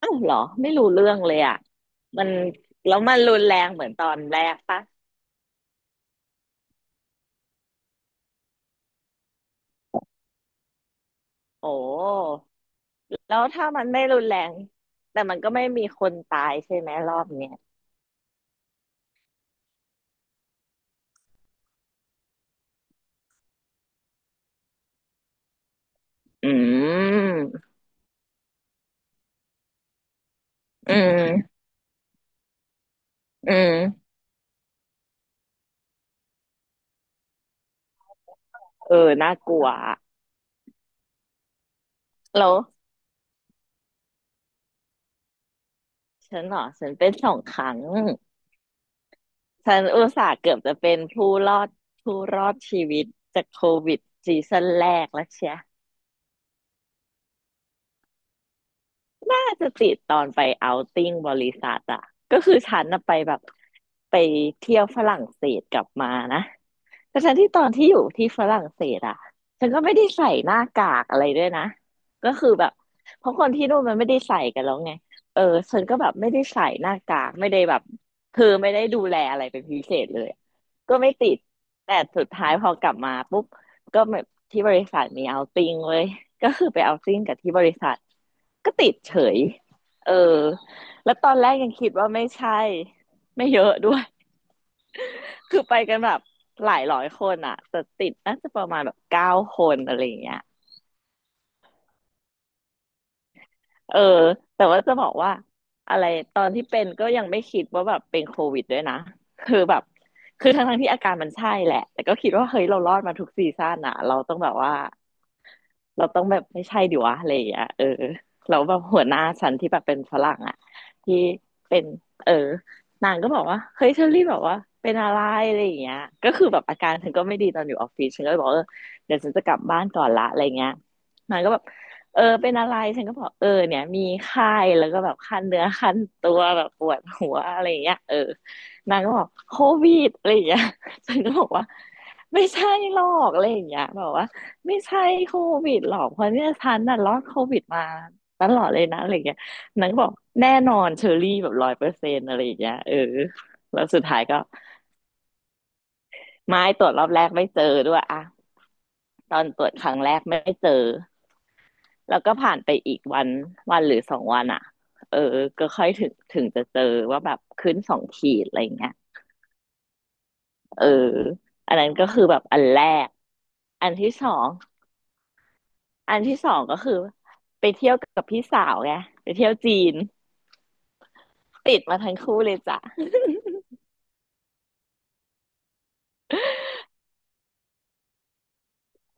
อ้าวเหรอไม่รู้เรื่องเลยอ่ะมันแล้วมันรุนแรงเหมือนตอนแรกปะโอ้แล้วถ้ามันไม่รุนแรงแต่มันก็ไม่มีคนตายใช่ไหมรอบเนี้ยอืมอืมอืมเออน่ากลัวอะแล้วฉันเหรอฉันเป็นสองครั้งฉันอุตส่าห์เกือบจะเป็นผู้รอดผู้รอดชีวิตจากโควิดซีซั่นแรกแล้วเชีย น่าจะติดตอนไปเอาท์ติ้งบริษัทอะก็คือฉันน่ะไปแบบไปเที่ยวฝรั่งเศสกลับมานะ แต่ทั้งที่ตอนที่อยู่ที่ฝรั่งเศสอ่ะฉันก็ไม่ได้ใส่หน้ากากอะไรด้วยนะก็คือแบบเพราะคนที่นู่นมันไม่ได้ใส่กันแล้วไงเออฉันก็แบบไม่ได้ใส่หน้ากากไม่ได้แบบคือไม่ได้ดูแลอะไรเป็นพิเศษเลยก็ไม่ติดแต่สุดท้ายพอกลับมาปุ๊บก็แบบที่บริษัทมีเอาติ้งเว้ยก็คือไปเอาติ้งกับที่บริษัทก็ติดเฉยเออแล้วตอนแรกยังคิดว่าไม่ใช่ไม่เยอะด้วย คือไปกันแบบหลายร้อยคนอ่ะแต่ติดน่าจะประมาณแบบเก้าคนอะไรอย่างเงี้ยเออแต่ว่าจะบอกว่าอะไรตอนที่เป็นก็ยังไม่คิดว่าแบบเป็นโควิดด้วยนะคือแบบคือทั้งที่อาการมันใช่แหละแต่ก็คิดว่าเฮ้ยเรารอดมาทุกซีซั่นอ่ะเราต้องแบบว่า เราต้องแบบไม่ใช่ดิวะอะไรอย่างเงี้ยเออแล้วแบบหัวหน้าฉันที่แบบเป็นฝรั่งอ่ะที่เป็นเออนางก็บอกว่าเฮ้ยเชอรี่แบบว่าเป็นอะไรอะไรอย่างเงี้ยก็คือแบบอาการฉันก็ไม่ดีตอนอยู่ออฟฟิศฉันก็เลยบอกว่าเออเดี๋ยวฉันจะกลับบ้านก่อนละอะไรเงี้ยนางก็แบบเออเป็นอะไรฉันก็บอกเออเนี่ยมีไข้แล้วก็แบบคันเนื้อคันตัวแบบปวดหัวอะไรอย่างเงี้ยเออนางก็บอกโควิดอะไรอย่างเงี้ยฉันก็บอกว่าไม่ใช่หรอกอะไรอย่างเงี้ยแบบว่า ไม่ใช่โควิดหรอกเพราะเนี่ยฉันน่ะรอดโควิดมาตลอดเลยนะอะไรอย่างเงี้ยนางก็บอกแน่นอนเชอรี่แบบร้อยเปอร์เซ็นต์อะไรอย่างเงี้ยเออแล้วสุดท้ายก็ไม่ตรวจรอบแรกไม่เจอด้วยอะตอนตรวจครั้งแรกไม่เจอแล้วก็ผ่านไปอีกวันวันหรือสองวันอะเออก็ค่อยถึงจะเจอว่าแบบขึ้นสองขีดอะไรอย่างเงี้ยเอออันนั้นก็คือแบบอันแรกอันที่สองอันที่สองก็คือไปเที่ยวกับพี่สาวไงไปเที่ยวจีน ติดมาทั้งคู่เลยจ้ะ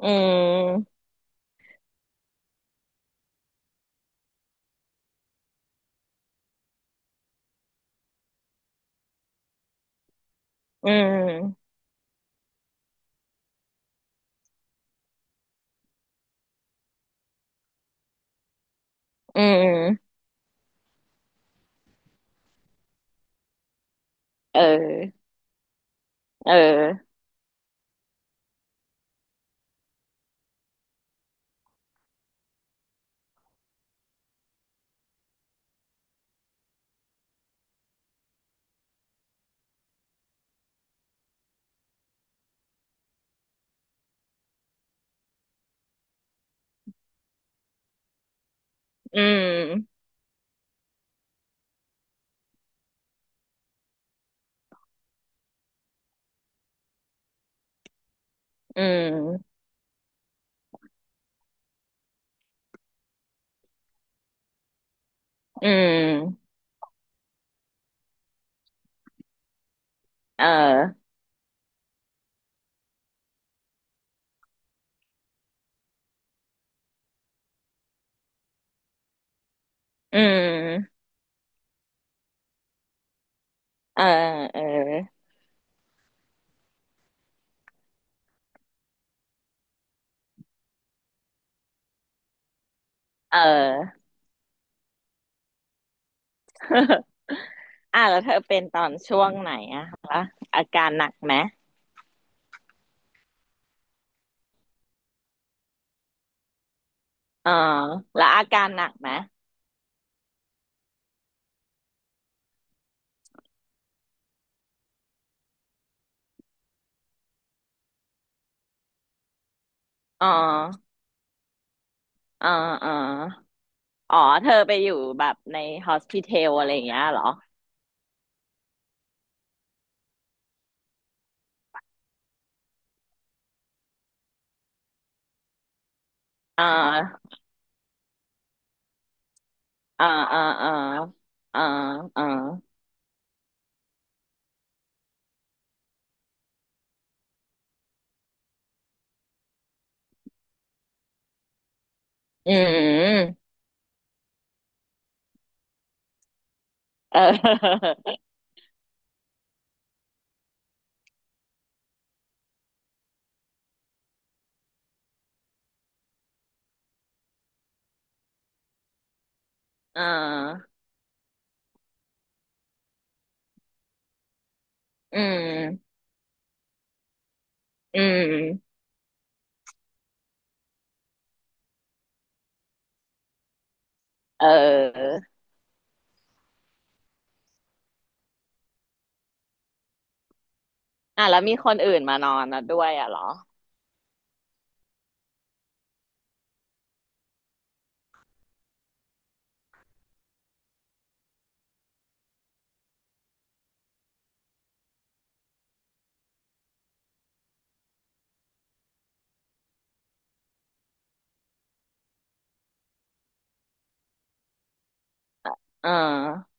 อืมอืมอืมเออเอออืมอืมอืมเอออืมเออเออเอออ่ะแล้วเธอเป็นตอนช่วงไหนอะคะอาการหนักไหมอ๋อแล้วอาการหนักไหมอ๋ออ๋ออ๋ออ๋อเธอไปอยู่แบบในฮอสพิทอลอะไรอย่างเงี้ยเหรออ๋ออ๋ออ๋ออ๋ออ๋ออ๋ออืมเออ อ่าอืมอืมเอออ่ะแล้วมีคนอื่นมานอนนะด้วยอ่ะเหรอเออ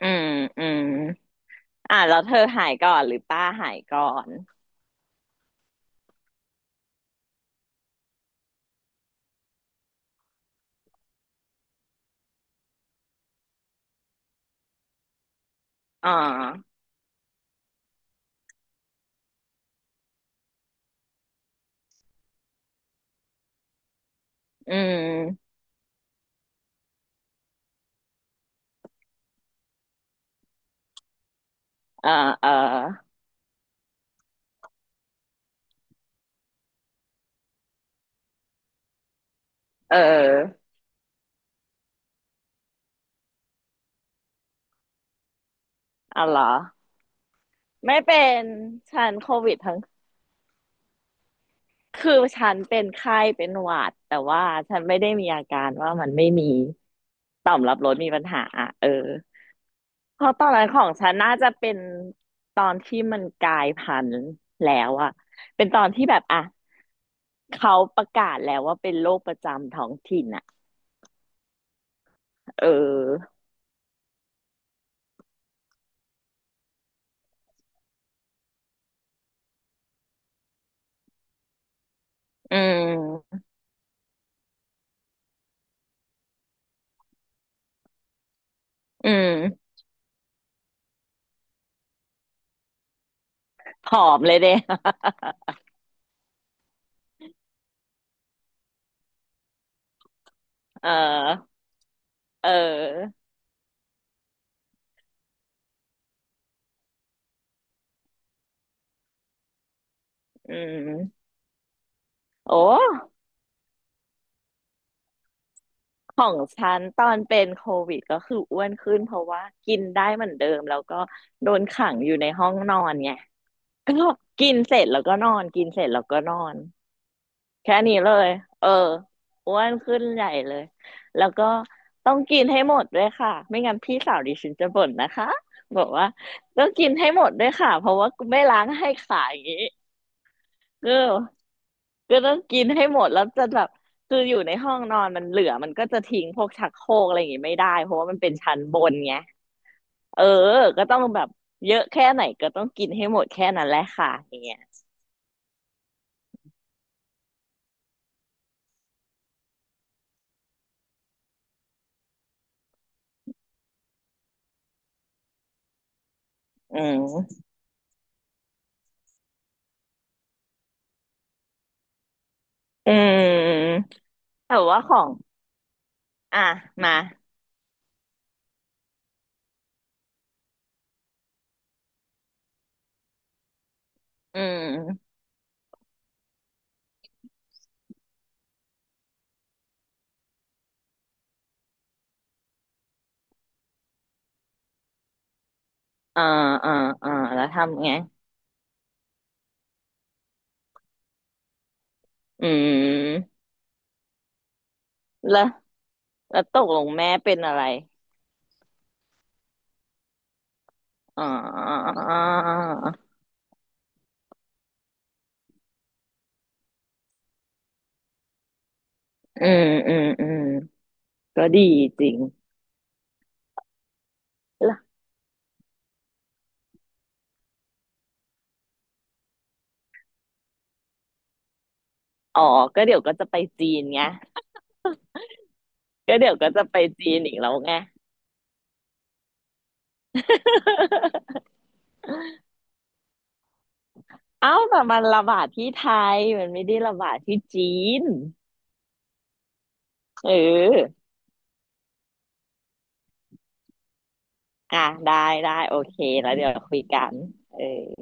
อืมอืมอ่ะแล้วเธอหายก่อนหรือป้าหายก่อนอ่าอืมเออเออเออเอาเหรอไม่เป็น ฉันโควิดทั้ง คือฉันเป็นไข้เป็นหวัดแต่ว่าฉันไม่ได้มีอาการว่ามันไม่มีต่อมรับรสมีปัญหาเออ เพราะตอนนั้นของฉันน่าจะเป็นตอนที่มันกลายพันธุ์แล้วอะเป็นตอนที่แบบอ่ะเขาประกาศแล้วว่าเป็นโรคประจำท้องถิ่นอะเอออืมอืมผอมเลยเด้เออเอออืมโอ้ของฉันตอนเป็นโควิดก็คืออ้วนขึ้นเพราะว่ากินได้เหมือนเดิมแล้วก็โดนขังอยู่ในห้องนอนไง ก็กินเสร็จแล้วก็นอนกินเสร็จแล้วก็นอน แค่นี้เลยเอออ้วนขึ้นใหญ่เลย แล้วก็ต้องกินให้หมดด้วยค่ะ ไม่งั้นพี่สาวดิฉันจะบ่นนะคะบอกว่าต้องกินให้หมดด้วยค่ะเพราะว่ากูไม่ล้างให้ขาอย่างนี้ก็ก็ต้องกินให้หมดแล้วจะแบบคืออยู่ในห้องนอนมันเหลือมันก็จะทิ้งพวกชักโครกอะไรอย่างงี้ไม่ได้เพราะว่ามันเป็นชั้นบนไงเออก็ต้องแบบเยอะแค่ไหนก็ต้องกินให้หมดแค่นั้นแหละค่ะอย่างเงี้ยอืมอืมแต่ว่าของอ่ะมา อืมอ่าอ่าอ่าแล้วทำไง อืมแล้วแล้วตกลงแม่เป็นอะไรอ่าอืมอืมอืม ก็ดีจริงล่ะอ๋อ ก็เดี๋ยวก็จะไปจีนไง ก็เดี๋ยวก็จะไปจีนอีกแล้วไง เอ้าแต่มันระบาดที่ไทยมันไม่ได้ระบาดที่จีนเอออ่ะได้ได้โอเคแล้วเดี๋ยวคุยกันเออ